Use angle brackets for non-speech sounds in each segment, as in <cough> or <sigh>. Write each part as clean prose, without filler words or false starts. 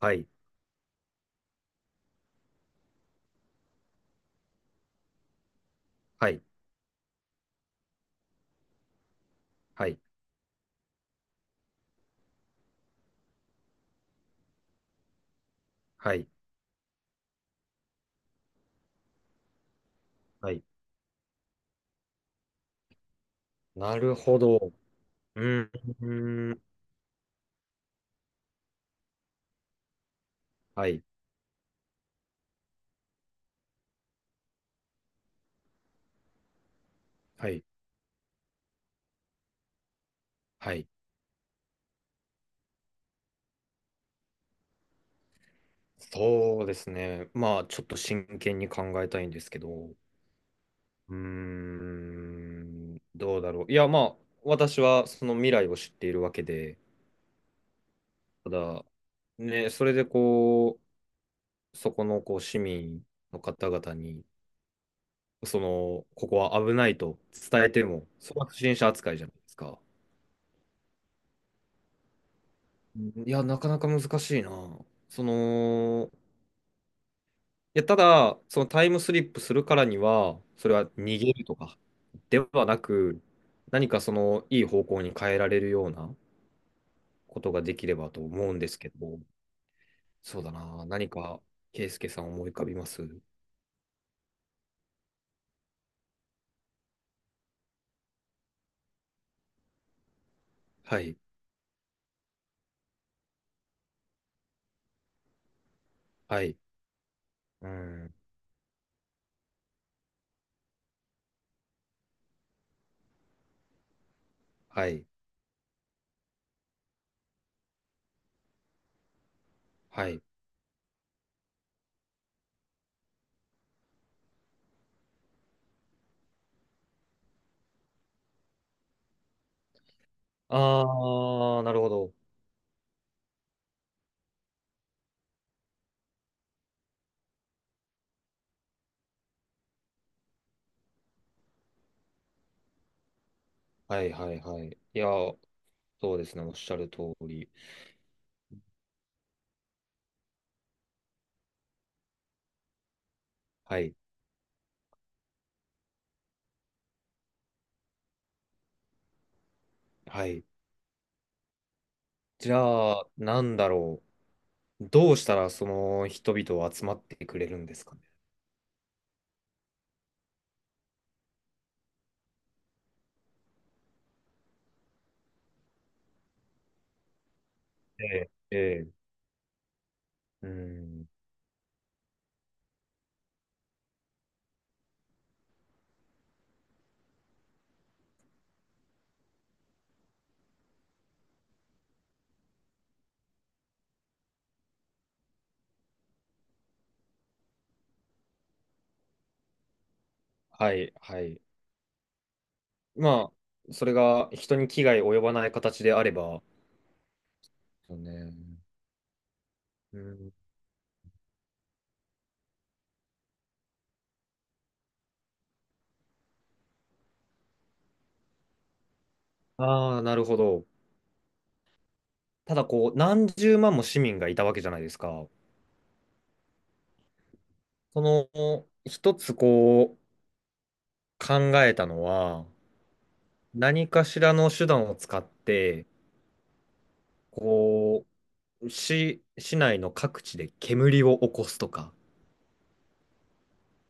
はい、はい、はい、はい、はい。なるほど。うん、ん、はい、はい、はい。そうですね。まあ、ちょっと真剣に考えたいんですけど、うーん、どうだろう。いや、まあ、私はその未来を知っているわけで、ただ、ね、それでこう、そこのこう市民の方々に、その、ここは危ないと伝えても、それは不審者扱いじゃないですか。いや、なかなか難しいな。その、いや、ただ、そのタイムスリップするからには、それは逃げるとかではなく、何かその、いい方向に変えられるようなことができればと思うんですけど、そうだな。何か、圭介さん思い浮かびます？はい、はい、うん、はい、はい。あー、なるほど。はい、はい、はい。いや、そうですね。おっしゃる通り。はい、はい。じゃあ、なんだろう。どうしたらその人々を集まってくれるんですかね。ええ、ええ、うん、はい、はい。まあ、それが人に危害及ばない形であれば。そうね。うん、ああ、なるほど。ただ、こう、何十万も市民がいたわけじゃないですか。その、一つこう、考えたのは、何かしらの手段を使って、こう、市内の各地で煙を起こすとか。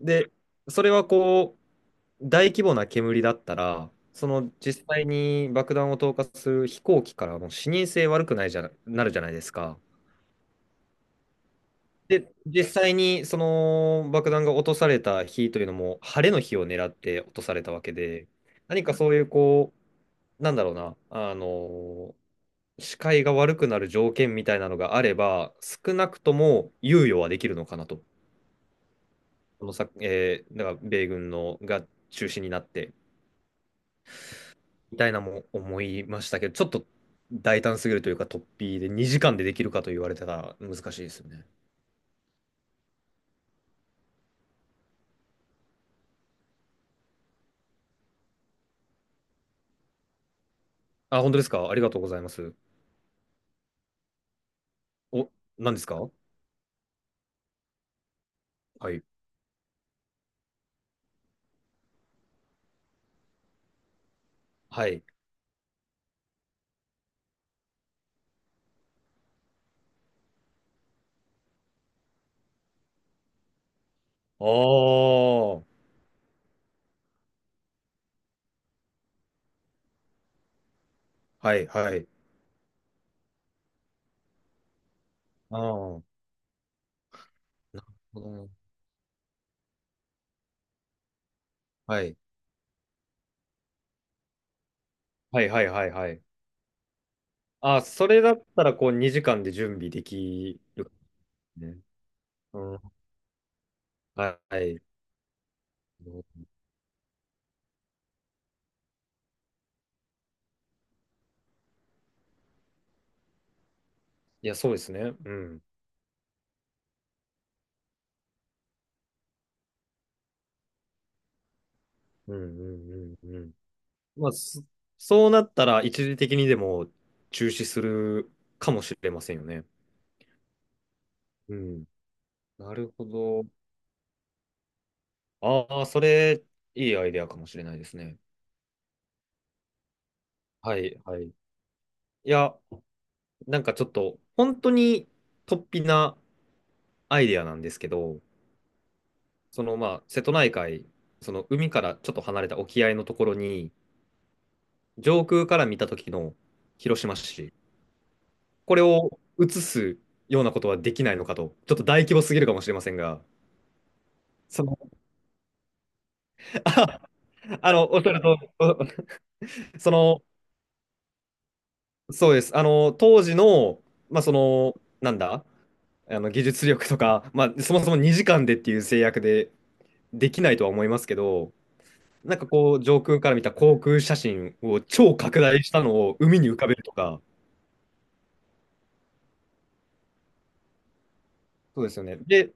で、それはこう、大規模な煙だったら、その実際に爆弾を投下する飛行機からもう視認性悪くないじゃな、なるじゃないですか。で、実際にその爆弾が落とされた日というのも、晴れの日を狙って落とされたわけで、何かそういうこう、なんだろうな、あの、視界が悪くなる条件みたいなのがあれば、少なくとも猶予はできるのかなと。このさ、だから米軍のが中心になって。みたいなも思いましたけど、ちょっと大胆すぎるというか、突飛で2時間でできるかと言われたら難しいですよね。あ、本当ですか？ありがとうございます。お、何ですか？はい。はい。ああ、はいはい。ああ、なるほどね。はいはいはいはいはい。あ、それだったらこう2時間で準備できるね。うん。はい。いや、そうですね。うん。うんうんうんうん。まあ、そうなったら一時的にでも中止するかもしれませんよね。うん。なるほど。ああ、それ、いいアイデアかもしれないですね。はい、はい。いや、なんかちょっと、本当に突飛なアイデアなんですけど、その、まあ、瀬戸内海、その海からちょっと離れた沖合のところに、上空から見た時の広島市、これを映すようなことはできないのかと、ちょっと大規模すぎるかもしれませんが、その <laughs> あの、おっしゃると、<laughs> おその、そうです。あの、当時の、まあ、その、なんだ、あの、技術力とか、まあ、そもそも2時間でっていう制約でできないとは思いますけど、なんかこう、上空から見た航空写真を超拡大したのを海に浮かべるとか、そうですよね。で、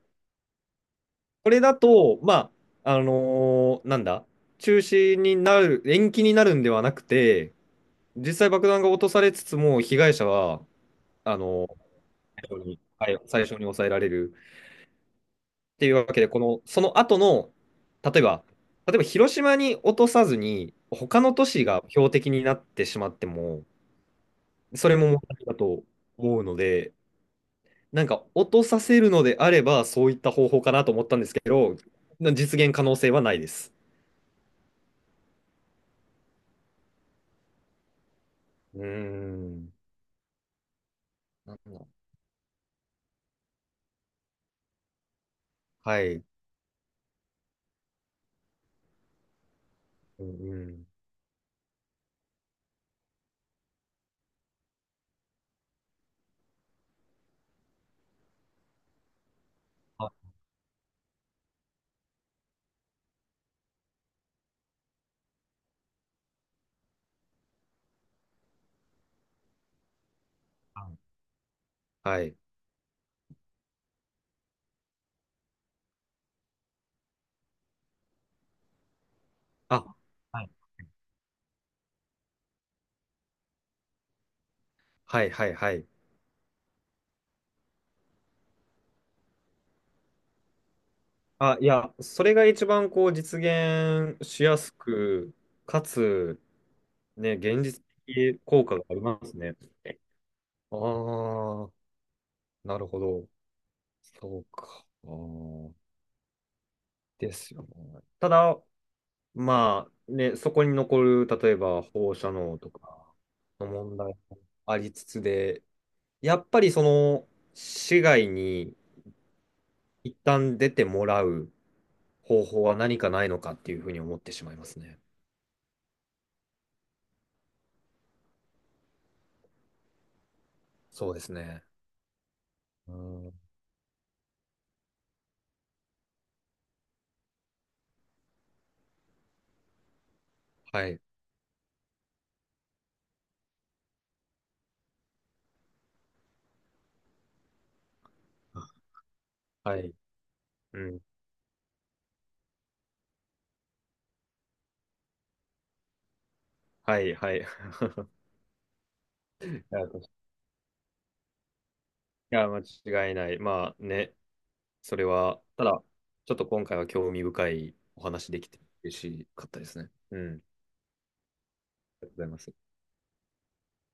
これだと、まあ、なんだ、中止になる、延期になるんではなくて、実際爆弾が落とされつつも、被害者は、あの、最初にはい最初に抑えられる。っていうわけで、この、その後の、例えば、例えば広島に落とさずに、他の都市が標的になってしまっても、それも問題だと思うので、なんか落とさせるのであれば、そういった方法かなと思ったんですけど、実現可能性はないです。うーん。なんだ、はい。うんうん。あ、はい。あ、はい。はいはいはい。あ、いや、それが一番こう実現しやすく、かつ、ね、現実的効果がありますね。ああ、なるほど。そうか。あー、ですよね。ただ、まあ、ね、そこに残る、例えば放射能とかの問題もありつつで、やっぱりその、市外に一旦出てもらう方法は何かないのかっていうふうに思ってしまいますね。そうですね。うん、はい。はい。うん。はい、はい。<laughs> ありがとうございます。や、間違いない。まあね、それは、ただ、ちょっと今回は興味深いお話できて嬉しかったですね。うん。ありがとうございます。